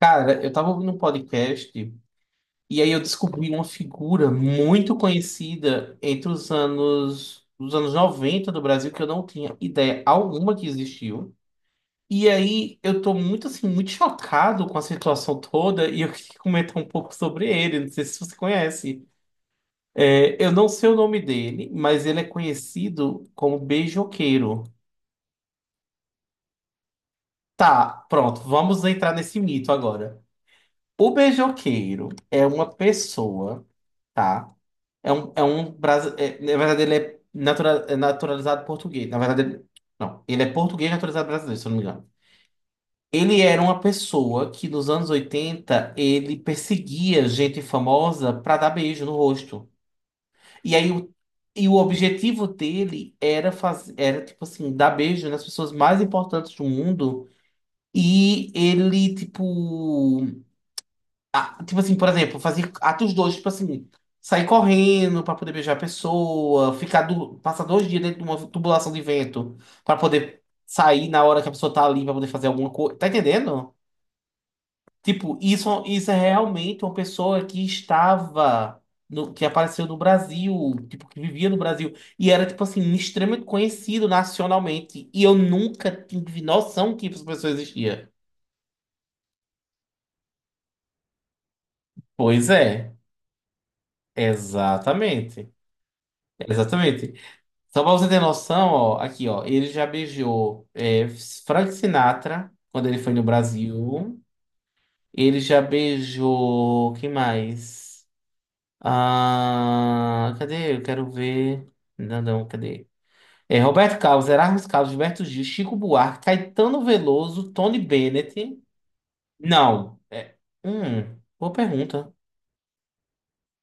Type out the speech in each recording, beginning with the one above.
Cara, eu tava ouvindo um podcast e aí eu descobri uma figura muito conhecida entre os anos 90 do Brasil que eu não tinha ideia alguma que existiu. E aí eu tô muito chocado com a situação toda e eu queria comentar um pouco sobre ele, não sei se você conhece. É, eu não sei o nome dele, mas ele é conhecido como Beijoqueiro. Tá, pronto, vamos entrar nesse mito agora. O beijoqueiro é uma pessoa, tá? É um é, na verdade, é naturalizado português. Na verdade, não, ele é português naturalizado brasileiro, se eu não me engano. Ele era uma pessoa que nos anos 80 ele perseguia gente famosa pra dar beijo no rosto. E aí o, e o objetivo dele era fazer, era tipo assim, dar beijo nas pessoas mais importantes do mundo. E ele, tipo, Tipo assim, por exemplo, fazer atos dois, tipo assim, sair correndo pra poder beijar a pessoa, passar dois dias dentro de uma tubulação de vento pra poder sair na hora que a pessoa tá ali pra poder fazer alguma coisa. Tá entendendo? Tipo, isso é realmente uma pessoa que apareceu no Brasil, tipo, que vivia no Brasil e era, tipo assim, extremamente conhecido nacionalmente. E eu nunca tive noção que essa pessoa existia. Pois é, exatamente. Exatamente. Só pra você ter noção, ó, aqui, ó, ele já beijou Frank Sinatra quando ele foi no Brasil. Ele já beijou. Quem mais? Ah, cadê? Eu quero ver. Não, não, cadê? É, Roberto Carlos, Erasmus Carlos, Gilberto Gil, Chico Buarque, Caetano Veloso, Tony Bennett. Não. Boa pergunta.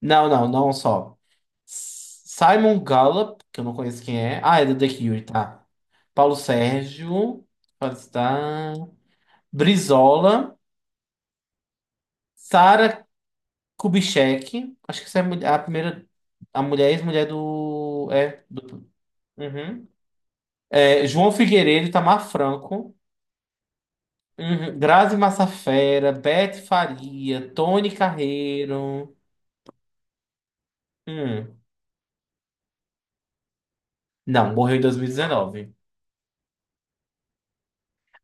Não, não, não só. Simon Gallup, que eu não conheço quem é. Ah, é do The Cure, tá. Paulo Sérgio, pode estar. Brizola, Sara Kubitschek, acho que essa é a mulher- a primeira, a mulher ex-mulher do uhum. É, João Figueiredo, Itamar Franco, uhum. Grazi Massafera, Beth Faria, Tony Carreiro, hum. Não, morreu em 2019.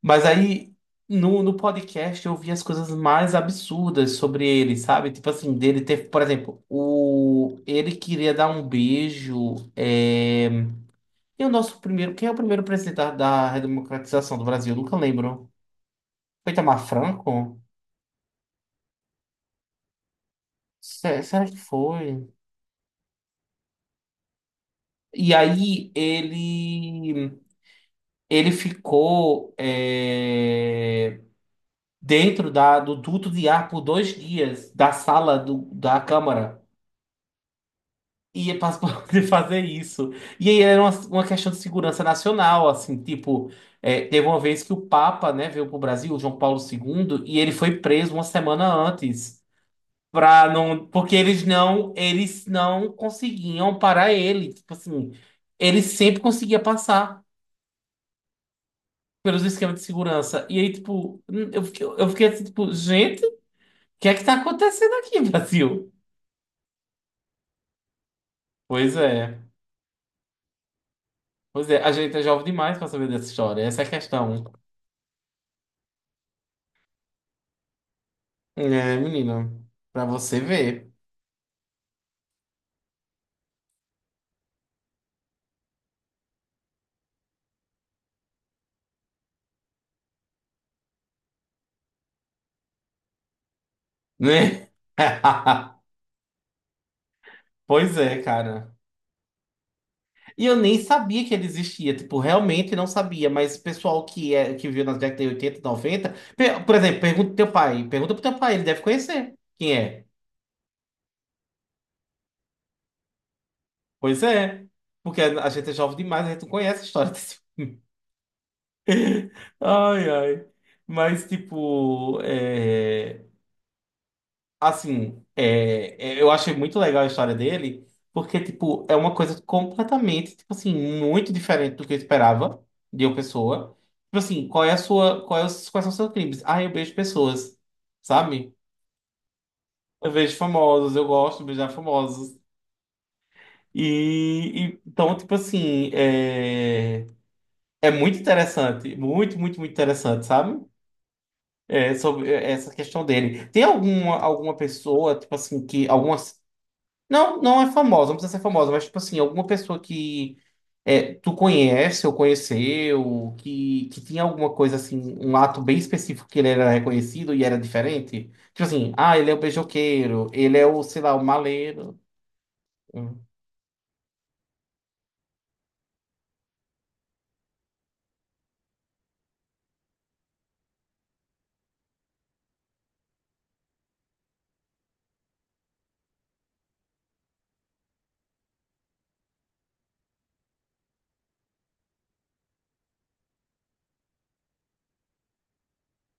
Mas aí, no podcast, eu vi as coisas mais absurdas sobre ele, sabe? Tipo assim, dele ter, por exemplo, ele queria dar um beijo. E o nosso primeiro. Quem é o primeiro presidente da redemocratização do Brasil? Eu nunca lembro. Foi Itamar Franco? Será que foi? E aí ele ficou dentro do duto de ar por dois dias da sala da Câmara. E é para poder fazer isso. E aí era uma questão de segurança nacional, assim, tipo, teve uma vez que o Papa, né, veio pro Brasil, o João Paulo II, e ele foi preso uma semana antes, para não, porque eles não conseguiam parar ele, tipo assim, ele sempre conseguia passar pelos esquemas de segurança. E aí, tipo, eu fiquei assim, tipo, gente, o que tá acontecendo aqui, Brasil? Pois é. Pois é, a gente é jovem demais para saber dessa história. Essa é a questão. É, menino, pra você ver, né? Pois é, cara. E eu nem sabia que ele existia, tipo, realmente não sabia, mas o pessoal que viu nas décadas de 80, 90, por exemplo, pergunta pro teu pai, ele deve conhecer quem é. Pois é, porque a gente é jovem demais, a gente não conhece a história desse. Ai, ai. Mas, tipo, é. Assim, eu achei muito legal a história dele, porque, tipo, é uma coisa completamente, tipo assim, muito diferente do que eu esperava de uma pessoa. Tipo assim, qual é quais são os seus crimes? Ah, eu beijo pessoas, sabe? Eu vejo famosos, eu gosto de beijar famosos. Então, tipo assim, é muito interessante, muito interessante, sabe? É, sobre essa questão dele. Tem alguma pessoa, tipo assim, que alguma... Não, não é famosa, não precisa ser famosa, mas tipo assim, alguma pessoa que tu conhece ou conheceu, que tinha alguma coisa assim, um ato bem específico que ele era reconhecido e era diferente. Tipo assim, ah, ele é o beijoqueiro, ele é o, sei lá, o maleiro. Hum.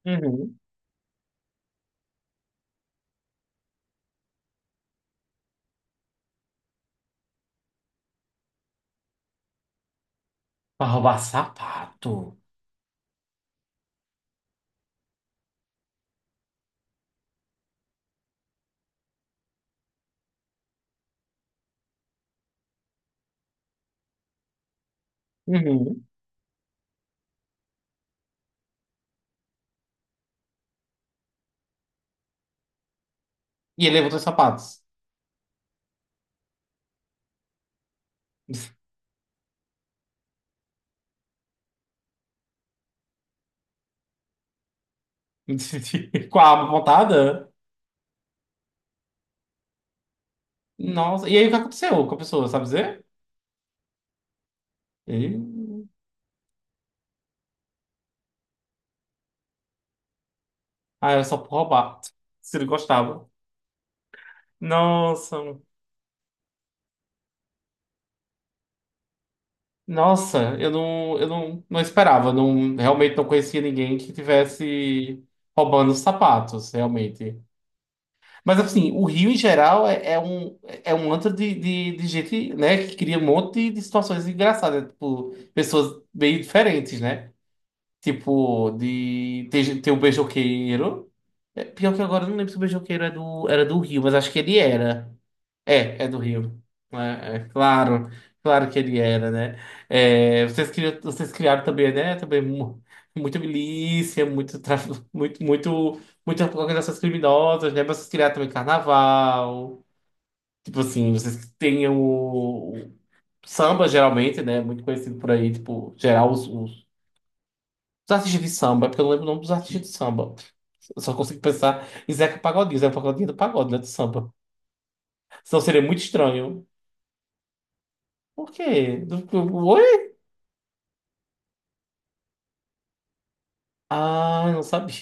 Uhum. Pra roubar sapato. Uhum. E ele levou os sapatos. Com a arma apontada? Nossa, e aí o que aconteceu com a pessoa, sabe dizer? E... Ah, era só por roubar. Se ele gostava. Nossa. Nossa, eu não, não esperava, não, realmente não conhecia ninguém que tivesse roubando os sapatos, realmente. Mas assim, o Rio em geral é um... É um antro de gente, né, que cria um monte de situações engraçadas, tipo, pessoas bem diferentes, né? Tipo, tem o beijoqueiro. É, pior que agora eu não lembro se o beijoqueiro é do, era do Rio, mas acho que ele era. É, é do Rio. É, é claro, claro que ele era, né? É, vocês criaram também, né? Também muita milícia, muito tráfico, muitas organizações criminosas, né? Mas vocês criaram também carnaval. Tipo assim, vocês têm o samba, geralmente, né? Muito conhecido por aí, tipo, geral, os artistas de samba, é porque eu não lembro o nome dos artistas de samba. Eu só consigo pensar em Zeca Pagodinho, Zeca Pagodinho é do pagode, né? Do samba. Senão seria muito estranho. Por quê? Oi? Ah, não sabia.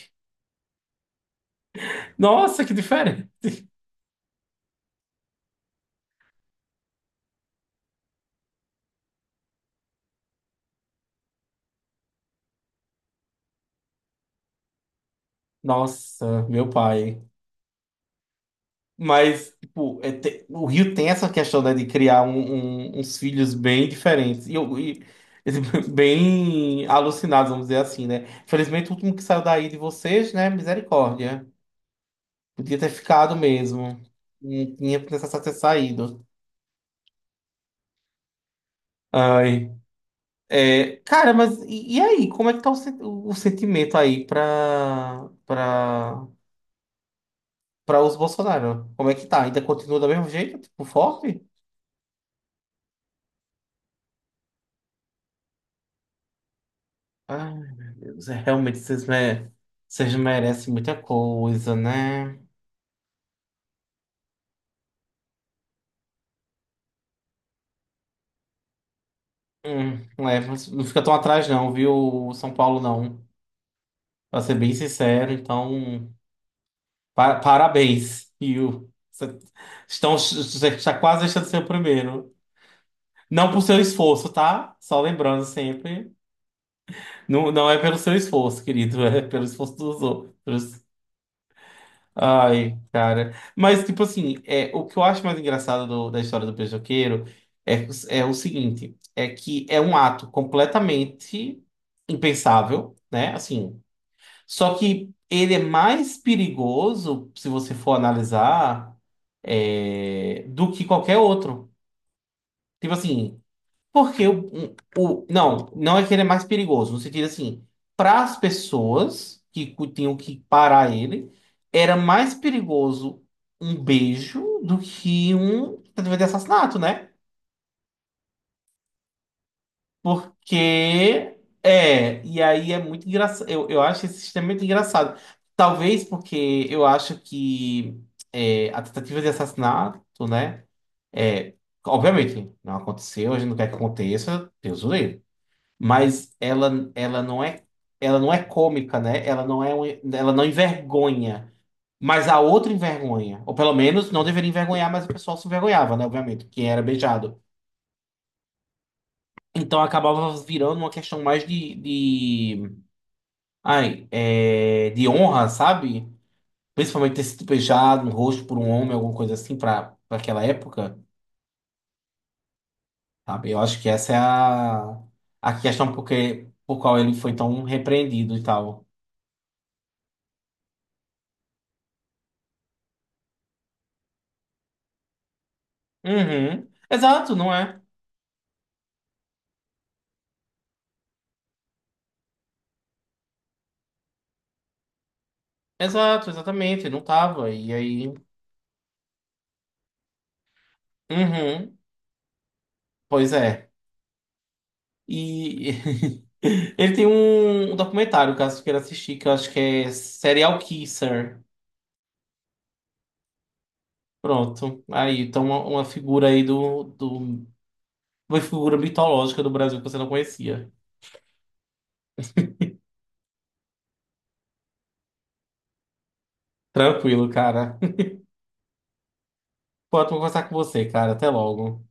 Nossa, que diferente. Nossa, meu pai. Mas, tipo, o Rio tem essa questão, né, de criar uns filhos bem diferentes. Bem alucinados, vamos dizer assim, né? Felizmente, o último que saiu daí de vocês, né? Misericórdia. Podia ter ficado mesmo. Não tinha necessidade ter saído. Ai. É, cara, mas e aí? Como é que tá o sentimento aí pra, pra para os Bolsonaro. Como é que tá? Ainda continua do mesmo jeito? Tipo, forte? Ai, meu Deus, é, realmente vocês, me... vocês merecem muita coisa, né? Hum, é, mas não fica tão atrás, não, viu, São Paulo, não. Pra ser bem sincero, então, parabéns, Rio. Você está quase deixando de ser o primeiro. Não por seu esforço, tá? Só lembrando sempre. Não, não é pelo seu esforço, querido, é pelo esforço dos outros. Ai, cara. Mas, tipo assim, é, o que eu acho mais engraçado da história do beijoqueiro é, é o seguinte: é que é um ato completamente impensável, né? Assim, só que ele é mais perigoso, se você for analisar, é, do que qualquer outro. Tipo assim. Porque o, não, não é que ele é mais perigoso, no sentido assim, para as pessoas que tinham que parar ele, era mais perigoso um beijo do que um tentativa de assassinato, né? Porque é, e aí é muito engraçado, eu acho esse sistema muito engraçado. Talvez porque eu acho que é, a tentativa de assassinato, né? É, obviamente, não aconteceu, a gente não quer que aconteça, Deus o livre. Mas ela não é ela não é cômica, né? Ela não envergonha, mas a outra envergonha, ou pelo menos não deveria envergonhar, mas o pessoal se envergonhava, né? Obviamente, quem era beijado. Então acabava virando uma questão mais de ai, é, de honra, sabe? Principalmente ter sido beijado no rosto por um homem, alguma coisa assim, para aquela época, sabe? Eu acho que essa é a questão porque, por qual ele foi tão repreendido e tal. Uhum. Exato, não é? Exato, exatamente, não tava. E aí. Uhum, pois é. E ele tem um documentário, caso tu queira assistir, que eu acho que é Serial Kisser. Pronto. Aí, então uma figura aí do, do. Uma figura mitológica do Brasil que você não conhecia. Tranquilo, cara. pode conversar com você, cara. Até logo.